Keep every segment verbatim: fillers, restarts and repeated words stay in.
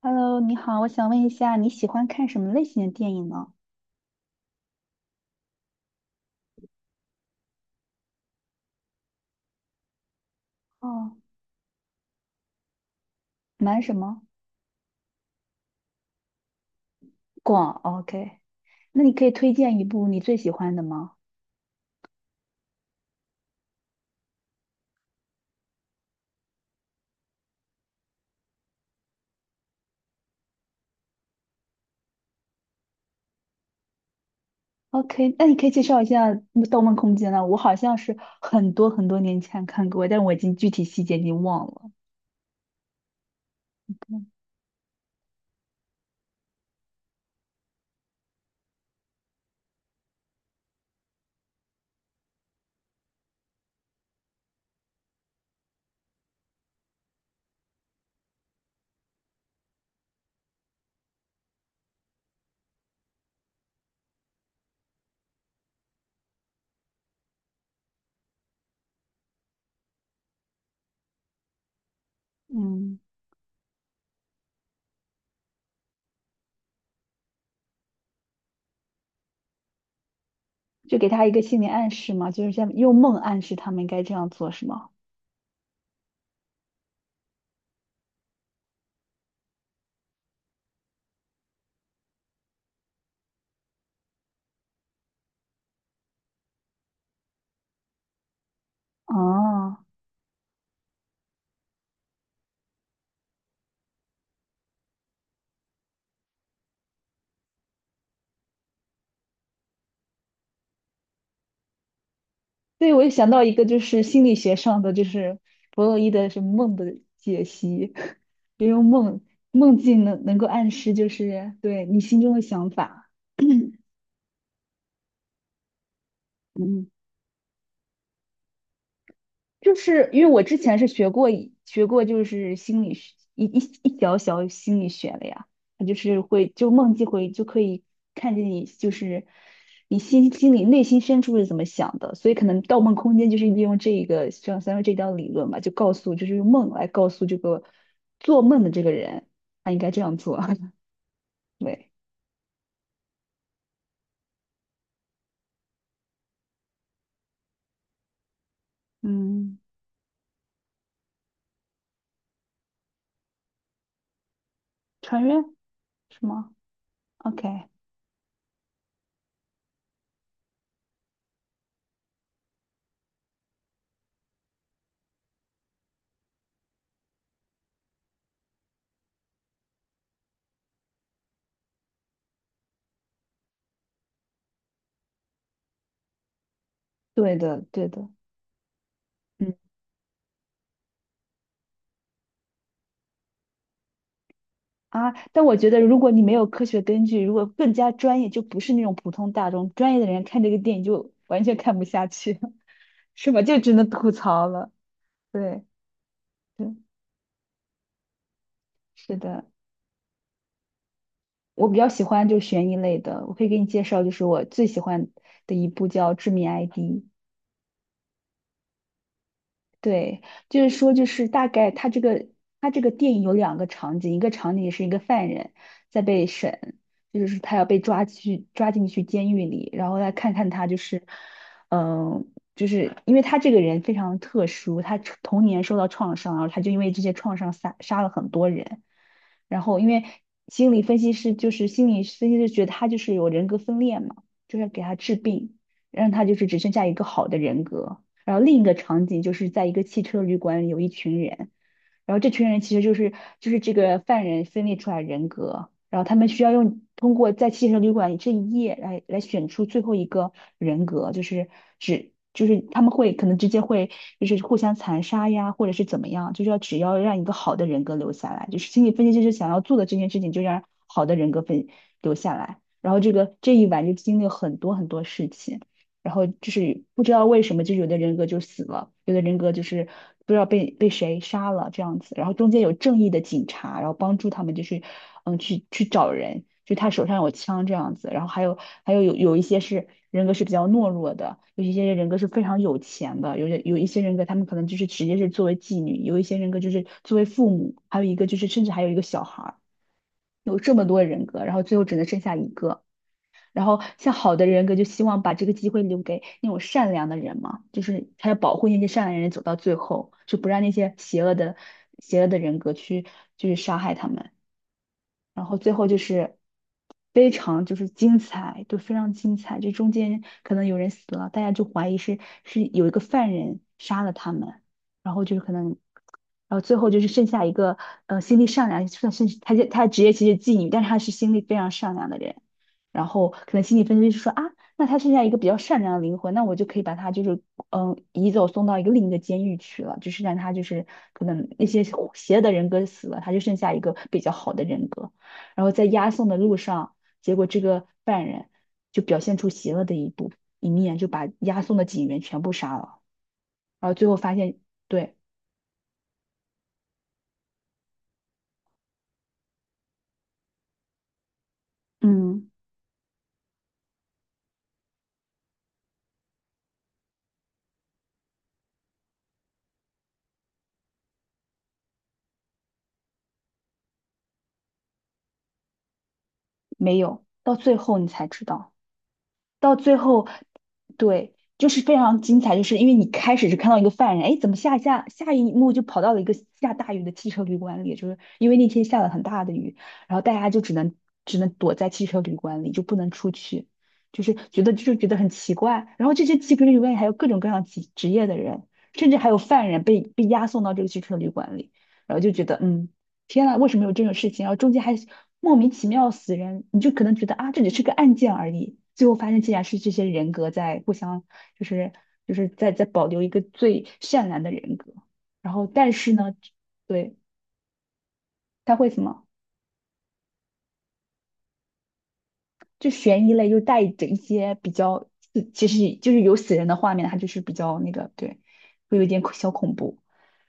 Hello，你好，我想问一下，你喜欢看什么类型的电影呢？哦，蛮什么？广，OK。那你可以推荐一部你最喜欢的吗？OK，那你可以介绍一下《盗梦空间》呢？我好像是很多很多年前看过，但我已经具体细节已经忘了。嗯，就给他一个心理暗示嘛，就是这样用梦暗示他们应该这样做，是吗？哦，对，我也想到一个，就是心理学上的，就是弗洛伊德是梦的解析，就用梦梦境能能够暗示，就是对你心中的想法。嗯，就是因为我之前是学过一学过，就是心理学一一一小小心理学的呀，它就是会就梦境会就可以看见你就是你心心里内心深处是怎么想的，所以可能《盗梦空间》就是利用这一个像三说这条理论吧，就告诉就是用梦来告诉这个做梦的这个人他应该这样做，对，嗯，穿越是吗？OK,对的对的，嗯。啊，但我觉得如果你没有科学根据，如果更加专业，就不是那种普通大众，专业的人看这个电影就完全看不下去，是吧？就只能吐槽了。对，对，是的，我比较喜欢就悬疑类的，我可以给你介绍，就是我最喜欢的一部叫《致命 I D》,对，就是说，就是大概他这个他这个电影有两个场景，一个场景是一个犯人在被审，就是他要被抓去抓进去监狱里，然后来看看他就是，嗯、就是因为他这个人非常特殊，他童年受到创伤，然后他就因为这些创伤杀杀了很多人，然后因为心理分析师就是心理分析师觉得他就是有人格分裂嘛，就是要给他治病，让他就是只剩下一个好的人格。然后另一个场景就是在一个汽车旅馆，有一群人，然后这群人其实就是就是这个犯人分裂出来人格，然后他们需要用通过在汽车旅馆这一夜来来选出最后一个人格，就是只就是他们会可能直接会就是互相残杀呀，或者是怎么样，就是要只要让一个好的人格留下来，就是心理分析师想要做的这件事情，就让好的人格分留下来。然后这个这一晚就经历了很多很多事情。然后就是不知道为什么，就是有的人格就死了，有的人格就是不知道被被谁杀了这样子。然后中间有正义的警察，然后帮助他们，就是嗯去去找人，就他手上有枪这样子。然后还有还有有有一些是人格是比较懦弱的，有一些人格是非常有钱的，有些有一些人格他们可能就是直接是作为妓女，有一些人格就是作为父母，还有一个就是甚至还有一个小孩儿，有这么多人格，然后最后只能剩下一个。然后像好的人格就希望把这个机会留给那种善良的人嘛，就是他要保护那些善良的人走到最后，就不让那些邪恶的邪恶的人格去去杀害他们。然后最后就是非常就是精彩，就非常精彩。这中间可能有人死了，大家就怀疑是是有一个犯人杀了他们，然后就是可能，然后最后就是剩下一个呃心地善良，算是他他职业其实是妓女，但是他是心地非常善良的人。然后可能心理分析师说啊，那他剩下一个比较善良的灵魂，那我就可以把他就是嗯移走送到一个另一个监狱去了，就是让他就是可能那些邪恶的人格死了，他就剩下一个比较好的人格。然后在押送的路上，结果这个犯人就表现出邪恶的一部一面，就把押送的警员全部杀了，然后最后发现，对，嗯，没有，到最后你才知道。到最后，对，就是非常精彩，就是因为你开始是看到一个犯人，哎，怎么下下下一幕就跑到了一个下大雨的汽车旅馆里，就是因为那天下了很大的雨，然后大家就只能只能躲在汽车旅馆里，就不能出去，就是觉得就觉得很奇怪。然后这些汽车旅馆里还有各种各样职职业的人，甚至还有犯人被被押送到这个汽车旅馆里，然后就觉得嗯。天呐，为什么有这种事情？然后中间还莫名其妙死人，你就可能觉得啊，这只是个案件而已，最后发现竟然是这些人格在互相，就是就是在在保留一个最善良的人格。然后，但是呢，对，他会什么？就悬疑类又带着一些比较，其实就是有死人的画面，它就是比较那个，对，会有一点小恐怖。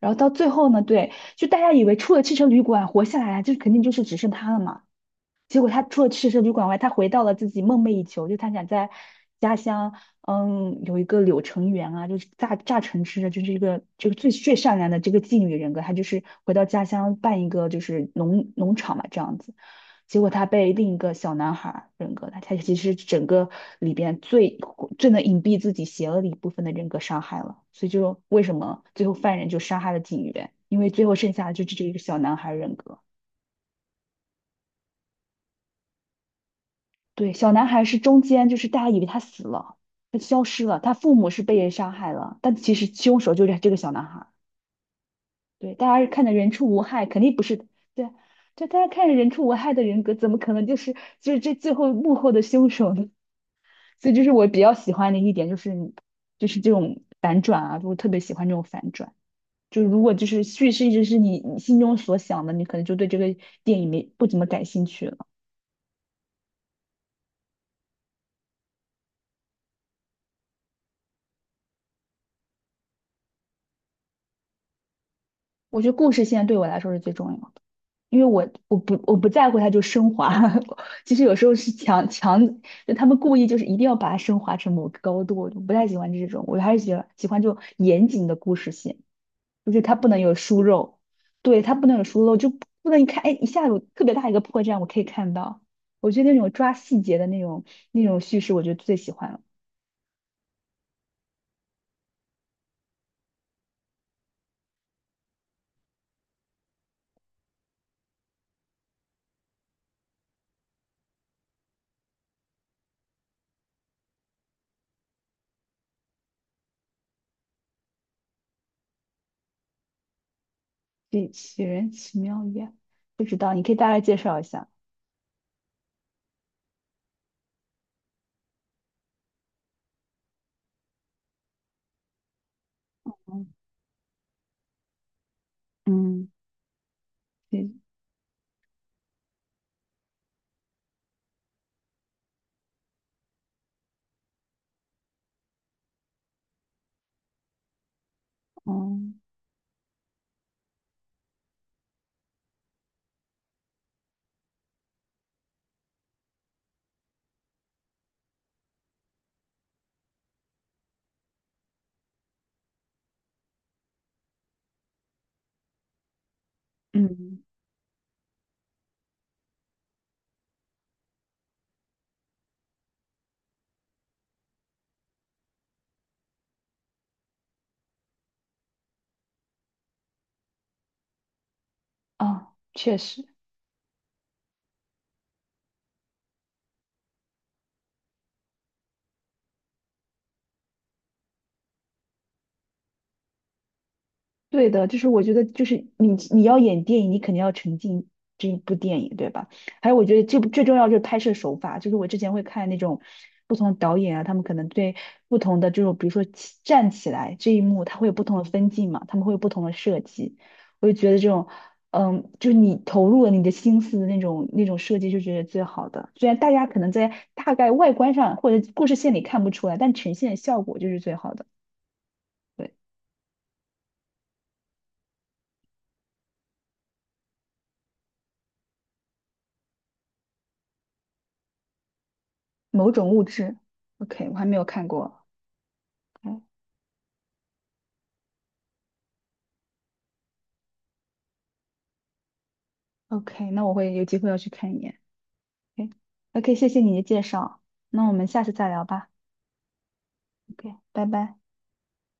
然后到最后呢，对，就大家以为出了汽车旅馆活下来，就肯定就是只剩他了嘛。结果他除了去社旅馆外，他回到了自己梦寐以求，就他想在家乡，嗯，有一个柳橙园啊，就是榨榨橙汁的，就是一个这个最最善良的这个妓女人格，他就是回到家乡办一个就是农农场嘛这样子。结果他被另一个小男孩儿人格，他他其实整个里边最最能隐蔽自己邪恶的一部分的人格伤害了，所以就为什么最后犯人就杀害了警员，因为最后剩下的就只有一个小男孩人格。对，小男孩是中间，就是大家以为他死了，他消失了，他父母是被人杀害了，但其实凶手就是这个小男孩。对，大家看着人畜无害，肯定不是，对，这大家看着人畜无害的人格，怎么可能就是就是这最后幕后的凶手呢？所以就是我比较喜欢的一点就是就是这种反转啊，我特别喜欢这种反转。就是如果就是叙事一直是你你心中所想的，你可能就对这个电影没不怎么感兴趣了。我觉得故事现在对我来说是最重要的。因为我我不我不在乎它就升华，其实有时候是强强，就他们故意就是一定要把它升华成某个高度，我就不太喜欢这种，我还是喜欢喜欢这种严谨的故事性，就是它不能有疏漏，对，它不能有疏漏，就不能一看，哎，一下有特别大一个破绽，我可以看到，我觉得那种抓细节的那种那种叙事，我就最喜欢了，对，杞人奇妙也不知道，你可以大概介绍一下，嗯，对，嗯嗯啊，确实。对的，就是我觉得，就是你你要演电影，你肯定要沉浸这一部电影，对吧？还有，我觉得这部最重要就是拍摄手法，就是我之前会看那种不同的导演啊，他们可能对不同的这种，比如说起站起来这一幕，他会有不同的分镜嘛，他们会有不同的设计。我就觉得这种，嗯，就是你投入了你的心思的那种那种设计，就觉得最好的。虽然大家可能在大概外观上或者故事线里看不出来，但呈现效果就是最好的。对。某种物质。OK,我还没有看过。o OK,那我会有机会要去看一眼。o o k 谢谢你的介绍。那我们下次再聊吧。OK,拜拜。